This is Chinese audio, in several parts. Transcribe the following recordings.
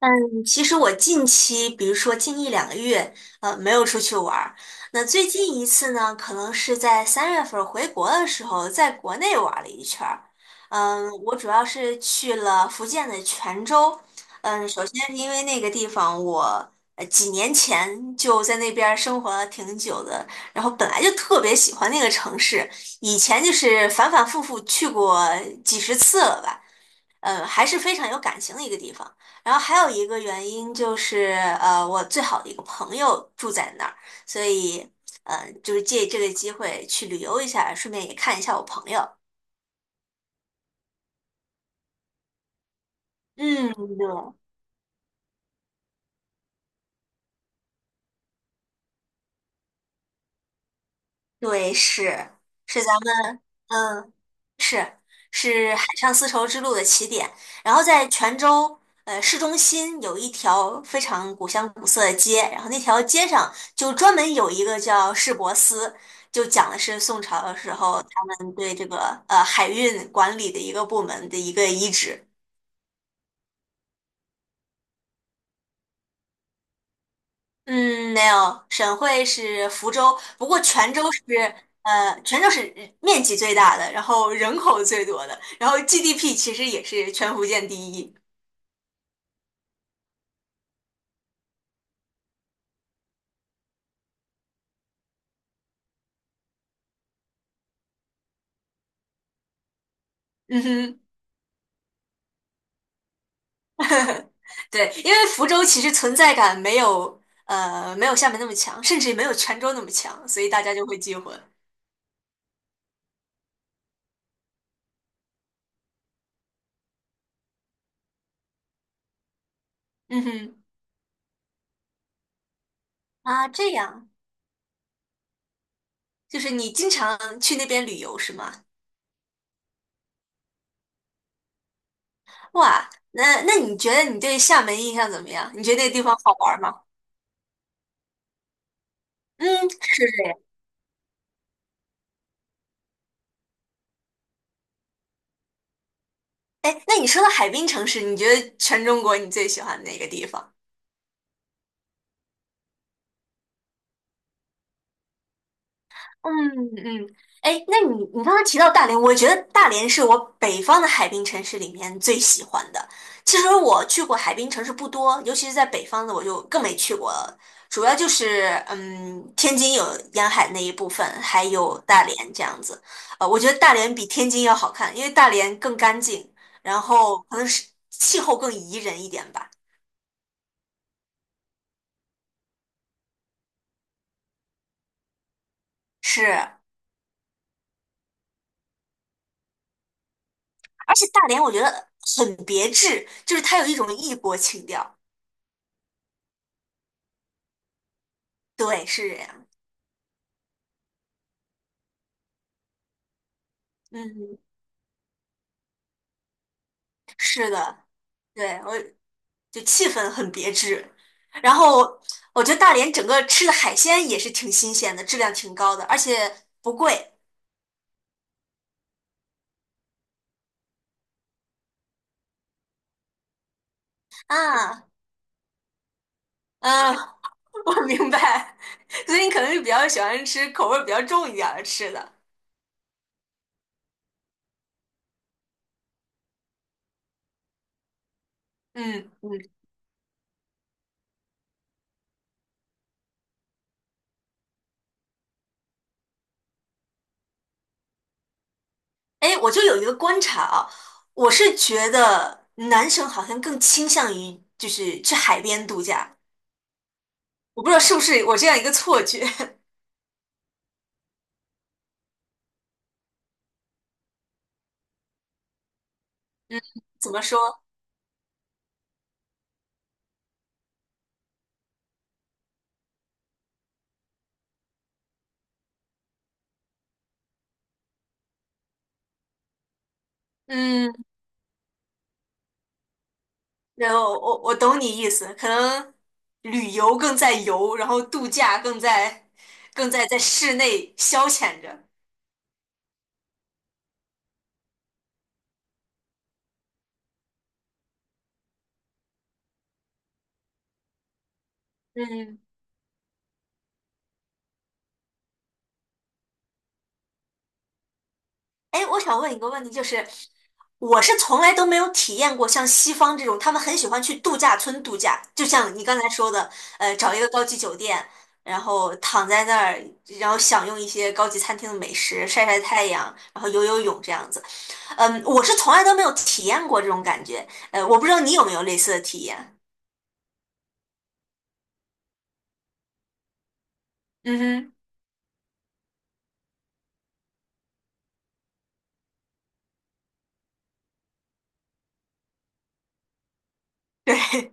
嗯，其实我近期，比如说近一两个月，没有出去玩儿。那最近一次呢，可能是在三月份儿回国的时候，在国内玩儿了一圈儿。嗯，我主要是去了福建的泉州。嗯，首先是因为那个地方我几年前就在那边儿生活了挺久的，然后本来就特别喜欢那个城市，以前就是反反复复去过几十次了吧。还是非常有感情的一个地方。然后还有一个原因就是，我最好的一个朋友住在那儿，所以，嗯，就是借这个机会去旅游一下，顺便也看一下我朋友。嗯，对，对，是咱们嗯。是是海上丝绸之路的起点，然后在泉州市中心有一条非常古香古色的街，然后那条街上就专门有一个叫市舶司，就讲的是宋朝的时候他们对这个海运管理的一个部门的一个遗址。嗯，没有，省会是福州，不过泉州是面积最大的，然后人口最多的，然后 GDP 其实也是全福建第一。嗯哼。对，因为福州其实存在感没有厦门那么强，甚至也没有泉州那么强，所以大家就会记混。嗯哼，啊，这样，就是你经常去那边旅游是吗？哇，那你觉得你对厦门印象怎么样？你觉得那个地方好玩吗？嗯，是这样。哎，那你说到海滨城市，你觉得全中国你最喜欢哪个地方？嗯嗯，哎，那你刚才提到大连，我觉得大连是我北方的海滨城市里面最喜欢的。其实我去过海滨城市不多，尤其是在北方的，我就更没去过了。主要就是嗯，天津有沿海那一部分，还有大连这样子。呃，我觉得大连比天津要好看，因为大连更干净，然后可能是气候更宜人一点吧。是，而且大连我觉得很别致，就是它有一种异国情调。对，是。这样。嗯，是的，对，我就气氛很别致。然后我觉得大连整个吃的海鲜也是挺新鲜的，质量挺高的，而且不贵啊。嗯，我明白，所以你可能是比较喜欢吃口味儿比较重一点儿的吃的。嗯嗯，哎，我就有一个观察啊，我是觉得男生好像更倾向于就是去海边度假，我不知道是不是我这样一个错觉。嗯，怎么说？嗯。然后我懂你意思，可能旅游更在游，然后度假更在更在室内消遣着。嗯，哎，我想问一个问题，就是我是从来都没有体验过像西方这种，他们很喜欢去度假村度假，就像你刚才说的，呃，找一个高级酒店，然后躺在那儿，然后享用一些高级餐厅的美食，晒晒太阳，然后游游泳这样子。嗯，我是从来都没有体验过这种感觉，我不知道你有没有类似的体验。嗯哼，对，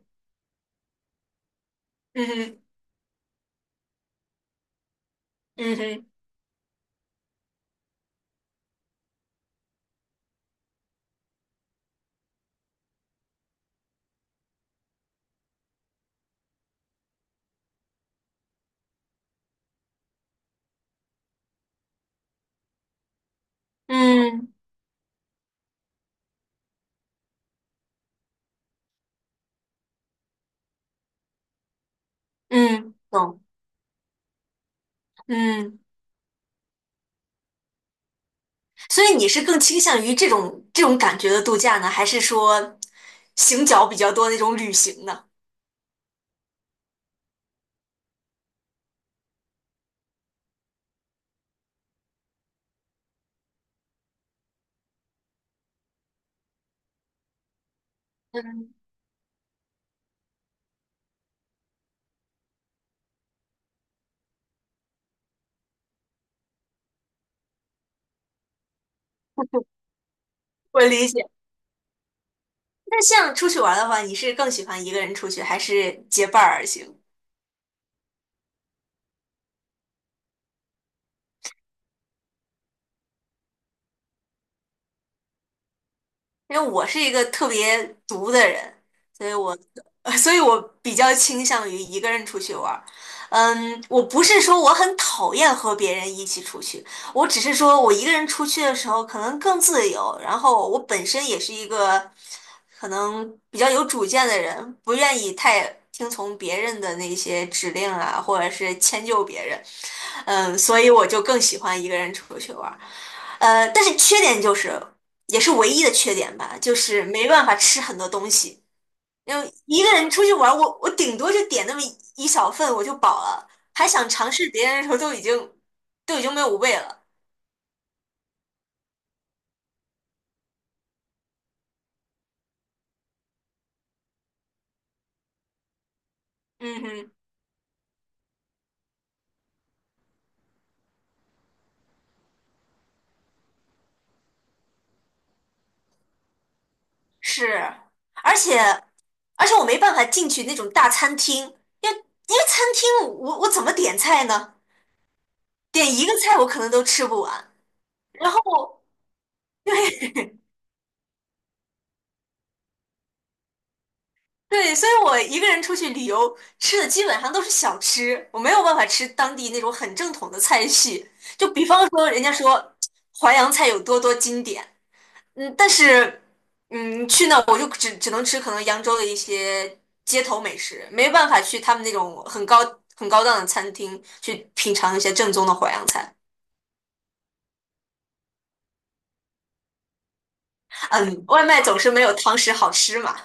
嗯哼，嗯哼，嗯嗯懂，嗯，所以你是更倾向于这种感觉的度假呢，还是说行脚比较多的那种旅行呢？嗯，我理解。那像出去玩儿的话，你是更喜欢一个人出去，还是结伴儿而行？因为我是一个特别独的人，所以我，所以我比较倾向于一个人出去玩儿。嗯，我不是说我很讨厌和别人一起出去，我只是说我一个人出去的时候可能更自由，然后我本身也是一个可能比较有主见的人，不愿意太听从别人的那些指令啊，或者是迁就别人。嗯，所以我就更喜欢一个人出去玩儿。呃，但是缺点就是。也是唯一的缺点吧，就是没办法吃很多东西。因为一个人出去玩儿我顶多就点那么一小份我就饱了，还想尝试别人的时候都已经没有胃了。嗯哼，是，而且而且我没办法进去那种大餐厅，因为餐厅我怎么点菜呢？点一个菜我可能都吃不完，然后对，所以我一个人出去旅游，吃的基本上都是小吃，我没有办法吃当地那种很正统的菜系。就比方说，人家说淮扬菜有多经典，嗯，但是，嗯，去那我就只能吃可能扬州的一些街头美食，没办法去他们那种很高档的餐厅去品尝一些正宗的淮扬菜。嗯，外卖总是没有堂食好吃嘛。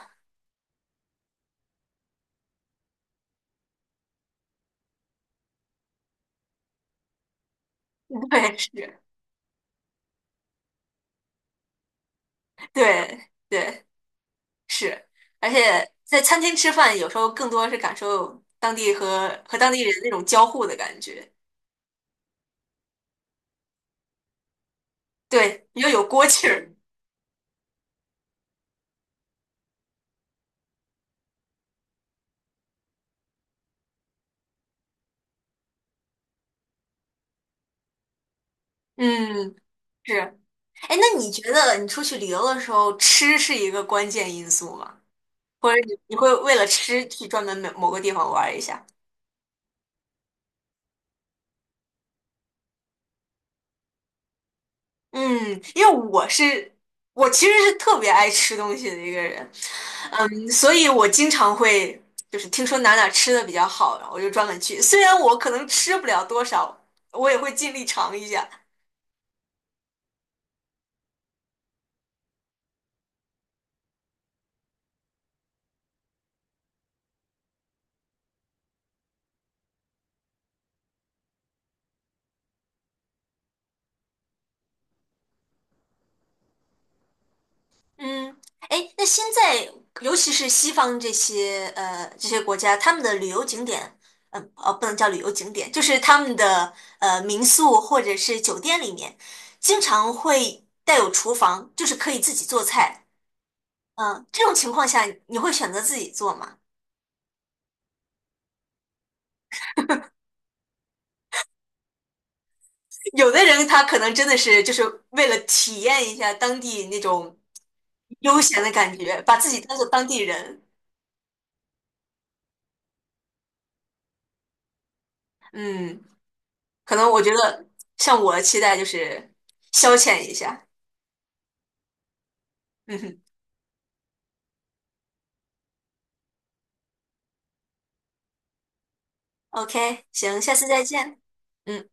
对，是，对对。是，而且在餐厅吃饭，有时候更多是感受当地和当地人那种交互的感觉，对，又有锅气儿。嗯，是。哎，那你觉得你出去旅游的时候，吃是一个关键因素吗？或者你会为了吃去专门某个地方玩儿一下？嗯，因为我其实是特别爱吃东西的一个人，嗯，所以我经常会就是听说哪吃的比较好，然后我就专门去。虽然我可能吃不了多少，我也会尽力尝一下。嗯，哎，那现在尤其是西方这些国家，他们的旅游景点，哦不能叫旅游景点，就是他们的民宿或者是酒店里面，经常会带有厨房，就是可以自己做菜。嗯，这种情况下你会选择自己做吗？有的人他可能真的是就是为了体验一下当地那种悠闲的感觉，把自己当做当地人。嗯，可能我觉得像我的期待就是消遣一下。嗯哼，OK，行，下次再见。嗯。